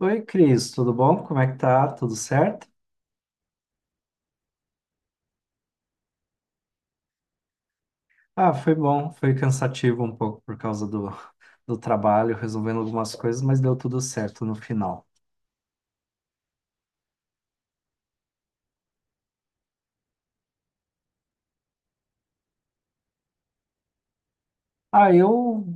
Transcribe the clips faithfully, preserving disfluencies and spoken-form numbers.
Oi, Cris, tudo bom? Como é que tá? Tudo certo? Ah, foi bom, foi cansativo um pouco por causa do, do trabalho, resolvendo algumas coisas, mas deu tudo certo no final. Ah, eu,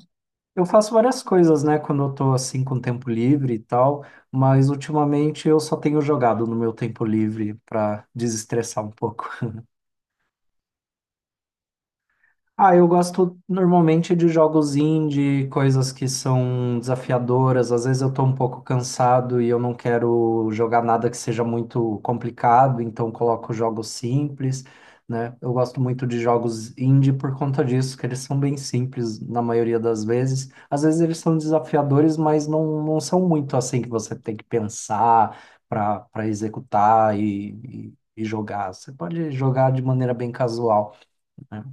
eu faço várias coisas, né, quando eu tô assim com tempo livre e tal, mas ultimamente eu só tenho jogado no meu tempo livre para desestressar um pouco. Ah, eu gosto normalmente de jogos indie, coisas que são desafiadoras. Às vezes eu tô um pouco cansado e eu não quero jogar nada que seja muito complicado, então coloco jogos simples, né? Eu gosto muito de jogos indie por conta disso, que eles são bem simples na maioria das vezes. Às vezes eles são desafiadores, mas não, não são muito assim que você tem que pensar para para executar e, e, e jogar. Você pode jogar de maneira bem casual, né?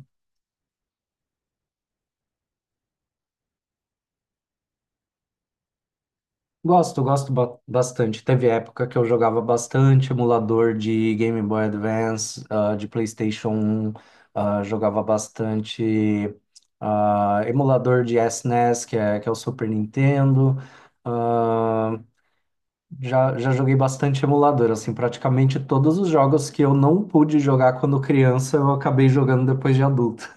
Gosto, gosto ba- bastante. Teve época que eu jogava bastante emulador de Game Boy Advance, ah, de PlayStation um, ah, jogava bastante ah, emulador de SNES, que é, que é o Super Nintendo. Ah, já, já joguei bastante emulador, assim, praticamente todos os jogos que eu não pude jogar quando criança, eu acabei jogando depois de adulto.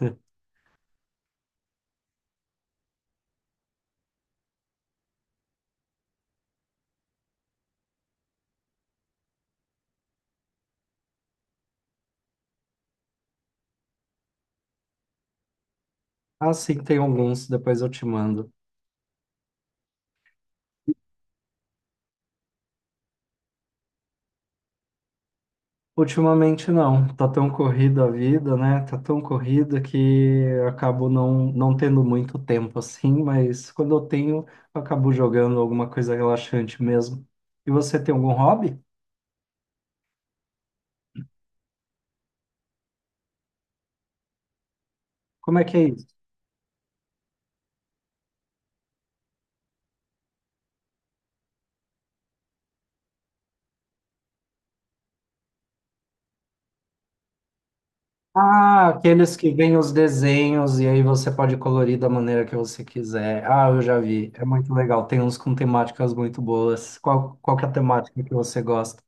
Ah, sim, tem alguns, depois eu te mando. Ultimamente não, tá tão corrida a vida, né? Tá tão corrida que eu acabo não, não tendo muito tempo assim, mas quando eu tenho, eu acabo jogando alguma coisa relaxante mesmo. E você tem algum hobby? Como é que é isso? Ah, aqueles que vêm os desenhos e aí você pode colorir da maneira que você quiser. Ah, eu já vi, é muito legal. Tem uns com temáticas muito boas. Qual, qual que é a temática que você gosta?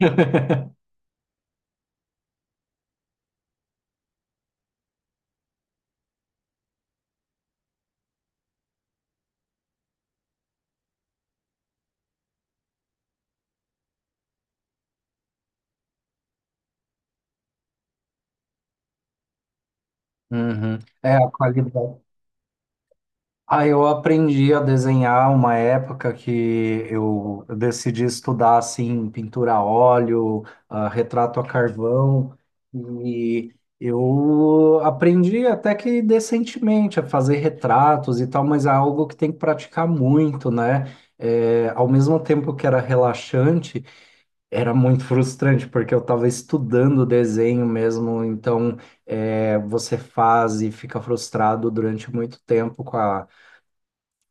Uhum. É a qualidade. Ah, eu aprendi a desenhar uma época que eu eu decidi estudar assim pintura a óleo, ah, retrato a carvão e eu aprendi até que decentemente a fazer retratos e tal, mas é algo que tem que praticar muito, né? É, ao mesmo tempo que era relaxante, era muito frustrante porque eu estava estudando desenho mesmo, então é, você faz e fica frustrado durante muito tempo com a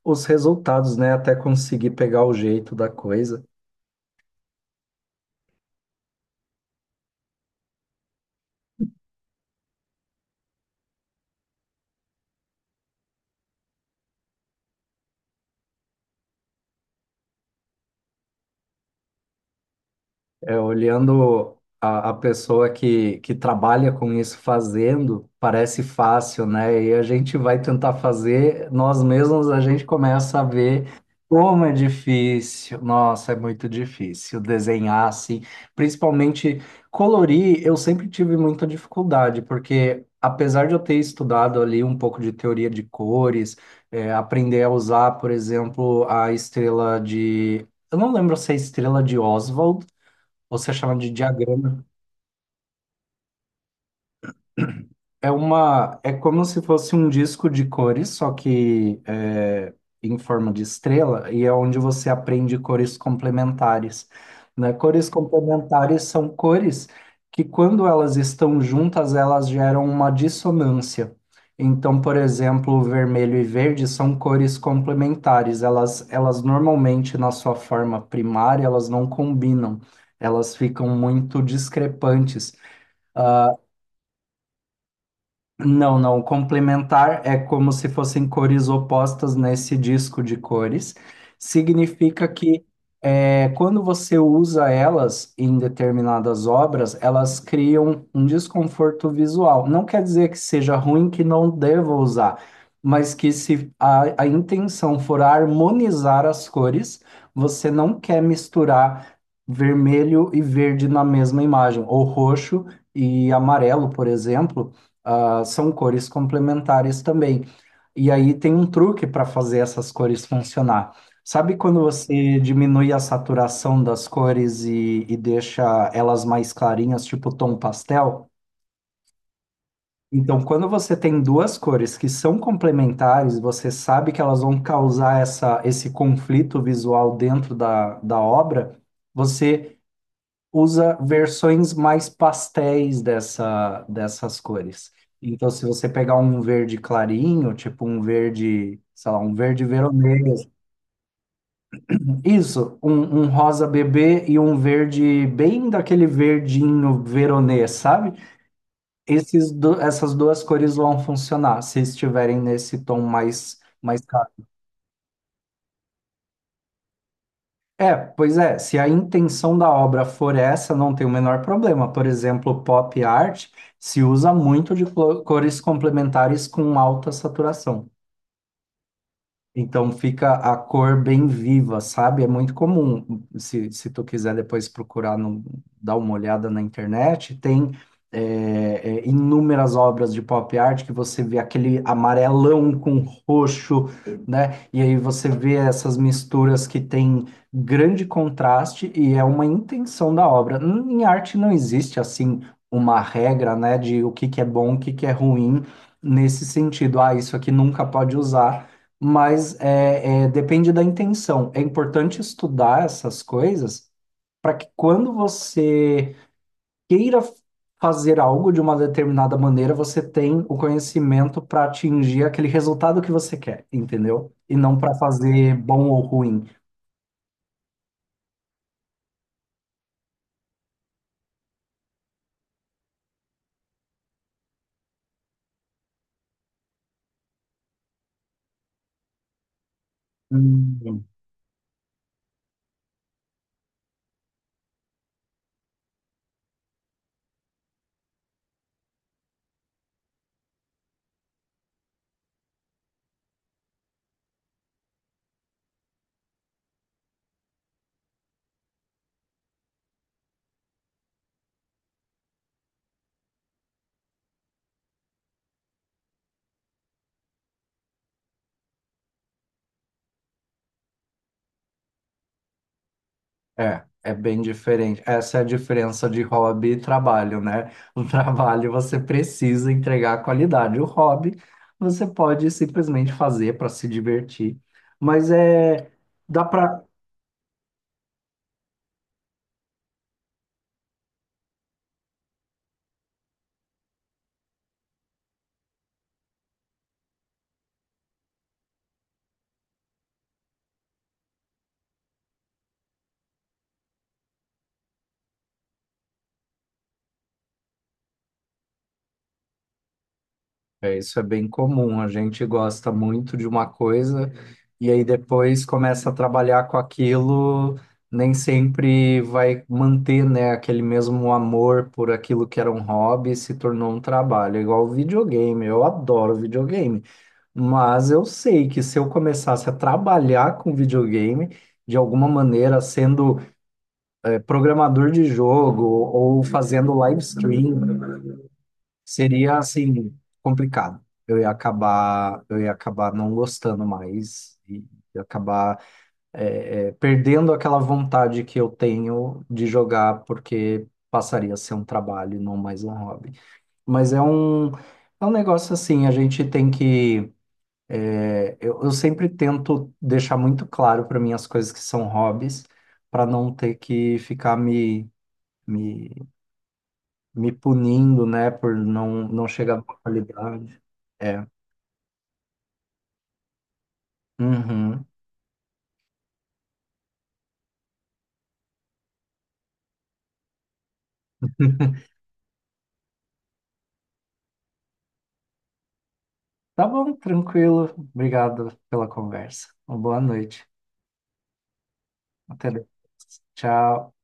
os resultados, né? Até conseguir pegar o jeito da coisa. É, olhando a, a pessoa que, que trabalha com isso fazendo, parece fácil, né? E a gente vai tentar fazer, nós mesmos, a gente começa a ver como é difícil. Nossa, é muito difícil desenhar assim, principalmente colorir. Eu sempre tive muita dificuldade, porque apesar de eu ter estudado ali um pouco de teoria de cores, é, aprender a usar, por exemplo, a estrela de. Eu não lembro se é a estrela de Oswald você chama de diagrama. É uma, é como se fosse um disco de cores, só que é, em forma de estrela, e é onde você aprende cores complementares, né? Cores complementares são cores que, quando elas estão juntas, elas geram uma dissonância. Então, por exemplo, vermelho e verde são cores complementares. Elas, elas normalmente, na sua forma primária, elas não combinam. Elas ficam muito discrepantes. Ah, não, não. O complementar é como se fossem cores opostas nesse disco de cores. Significa que é, quando você usa elas em determinadas obras, elas criam um desconforto visual. Não quer dizer que seja ruim, que não deva usar, mas que se a, a intenção for harmonizar as cores, você não quer misturar vermelho e verde na mesma imagem, ou roxo e amarelo, por exemplo, ah, são cores complementares também. E aí tem um truque para fazer essas cores funcionar. Sabe quando você diminui a saturação das cores e, e deixa elas mais clarinhas, tipo tom pastel? Então, quando você tem duas cores que são complementares, você sabe que elas vão causar essa, esse conflito visual dentro da, da obra, você usa versões mais pastéis dessa, dessas cores. Então, se você pegar um verde clarinho, tipo um verde, sei lá, um verde veronês, isso, um, um rosa bebê e um verde bem daquele verdinho veronês, sabe? Esses do- essas duas cores vão funcionar se estiverem nesse tom mais mais. É, pois é, se a intenção da obra for essa, não tem o menor problema. Por exemplo, pop art se usa muito de clo- cores complementares com alta saturação. Então fica a cor bem viva, sabe? É muito comum, se, se tu quiser depois procurar, no, dar uma olhada na internet, tem é, é, inúmeras obras de pop art que você vê aquele amarelão com roxo, né? E aí você vê essas misturas que tem grande contraste e é uma intenção da obra. Em arte não existe, assim, uma regra, né, de o que que é bom, o que que é ruim, nesse sentido. Ah, isso aqui nunca pode usar, mas é, é, depende da intenção. É importante estudar essas coisas para que quando você queira fazer algo de uma determinada maneira, você tem o conhecimento para atingir aquele resultado que você quer, entendeu? E não para fazer bom ou ruim. Hum. É, é bem diferente. Essa é a diferença de hobby e trabalho, né? O trabalho você precisa entregar a qualidade. O hobby você pode simplesmente fazer para se divertir. Mas é, dá para. É, isso é bem comum. A gente gosta muito de uma coisa e aí depois começa a trabalhar com aquilo, nem sempre vai manter, né, aquele mesmo amor por aquilo que era um hobby e se tornou um trabalho. É, igual videogame. Eu adoro videogame. Mas eu sei que se eu começasse a trabalhar com videogame, de alguma maneira, sendo eh, programador de jogo ou fazendo live stream, seria assim complicado. Eu ia acabar, eu ia acabar não gostando mais e ia acabar eh, eh, perdendo aquela vontade que eu tenho de jogar, porque passaria a ser um trabalho, e não mais um hobby. Mas é um, é um negócio assim, a gente tem que. É, Eu, eu sempre tento deixar muito claro para mim as coisas que são hobbies, para não ter que ficar me, me, me punindo, né, por não, não chegar na qualidade. É. Uhum. Tá bom, tranquilo. Obrigado pela conversa. Uma boa noite. Até depois. Tchau.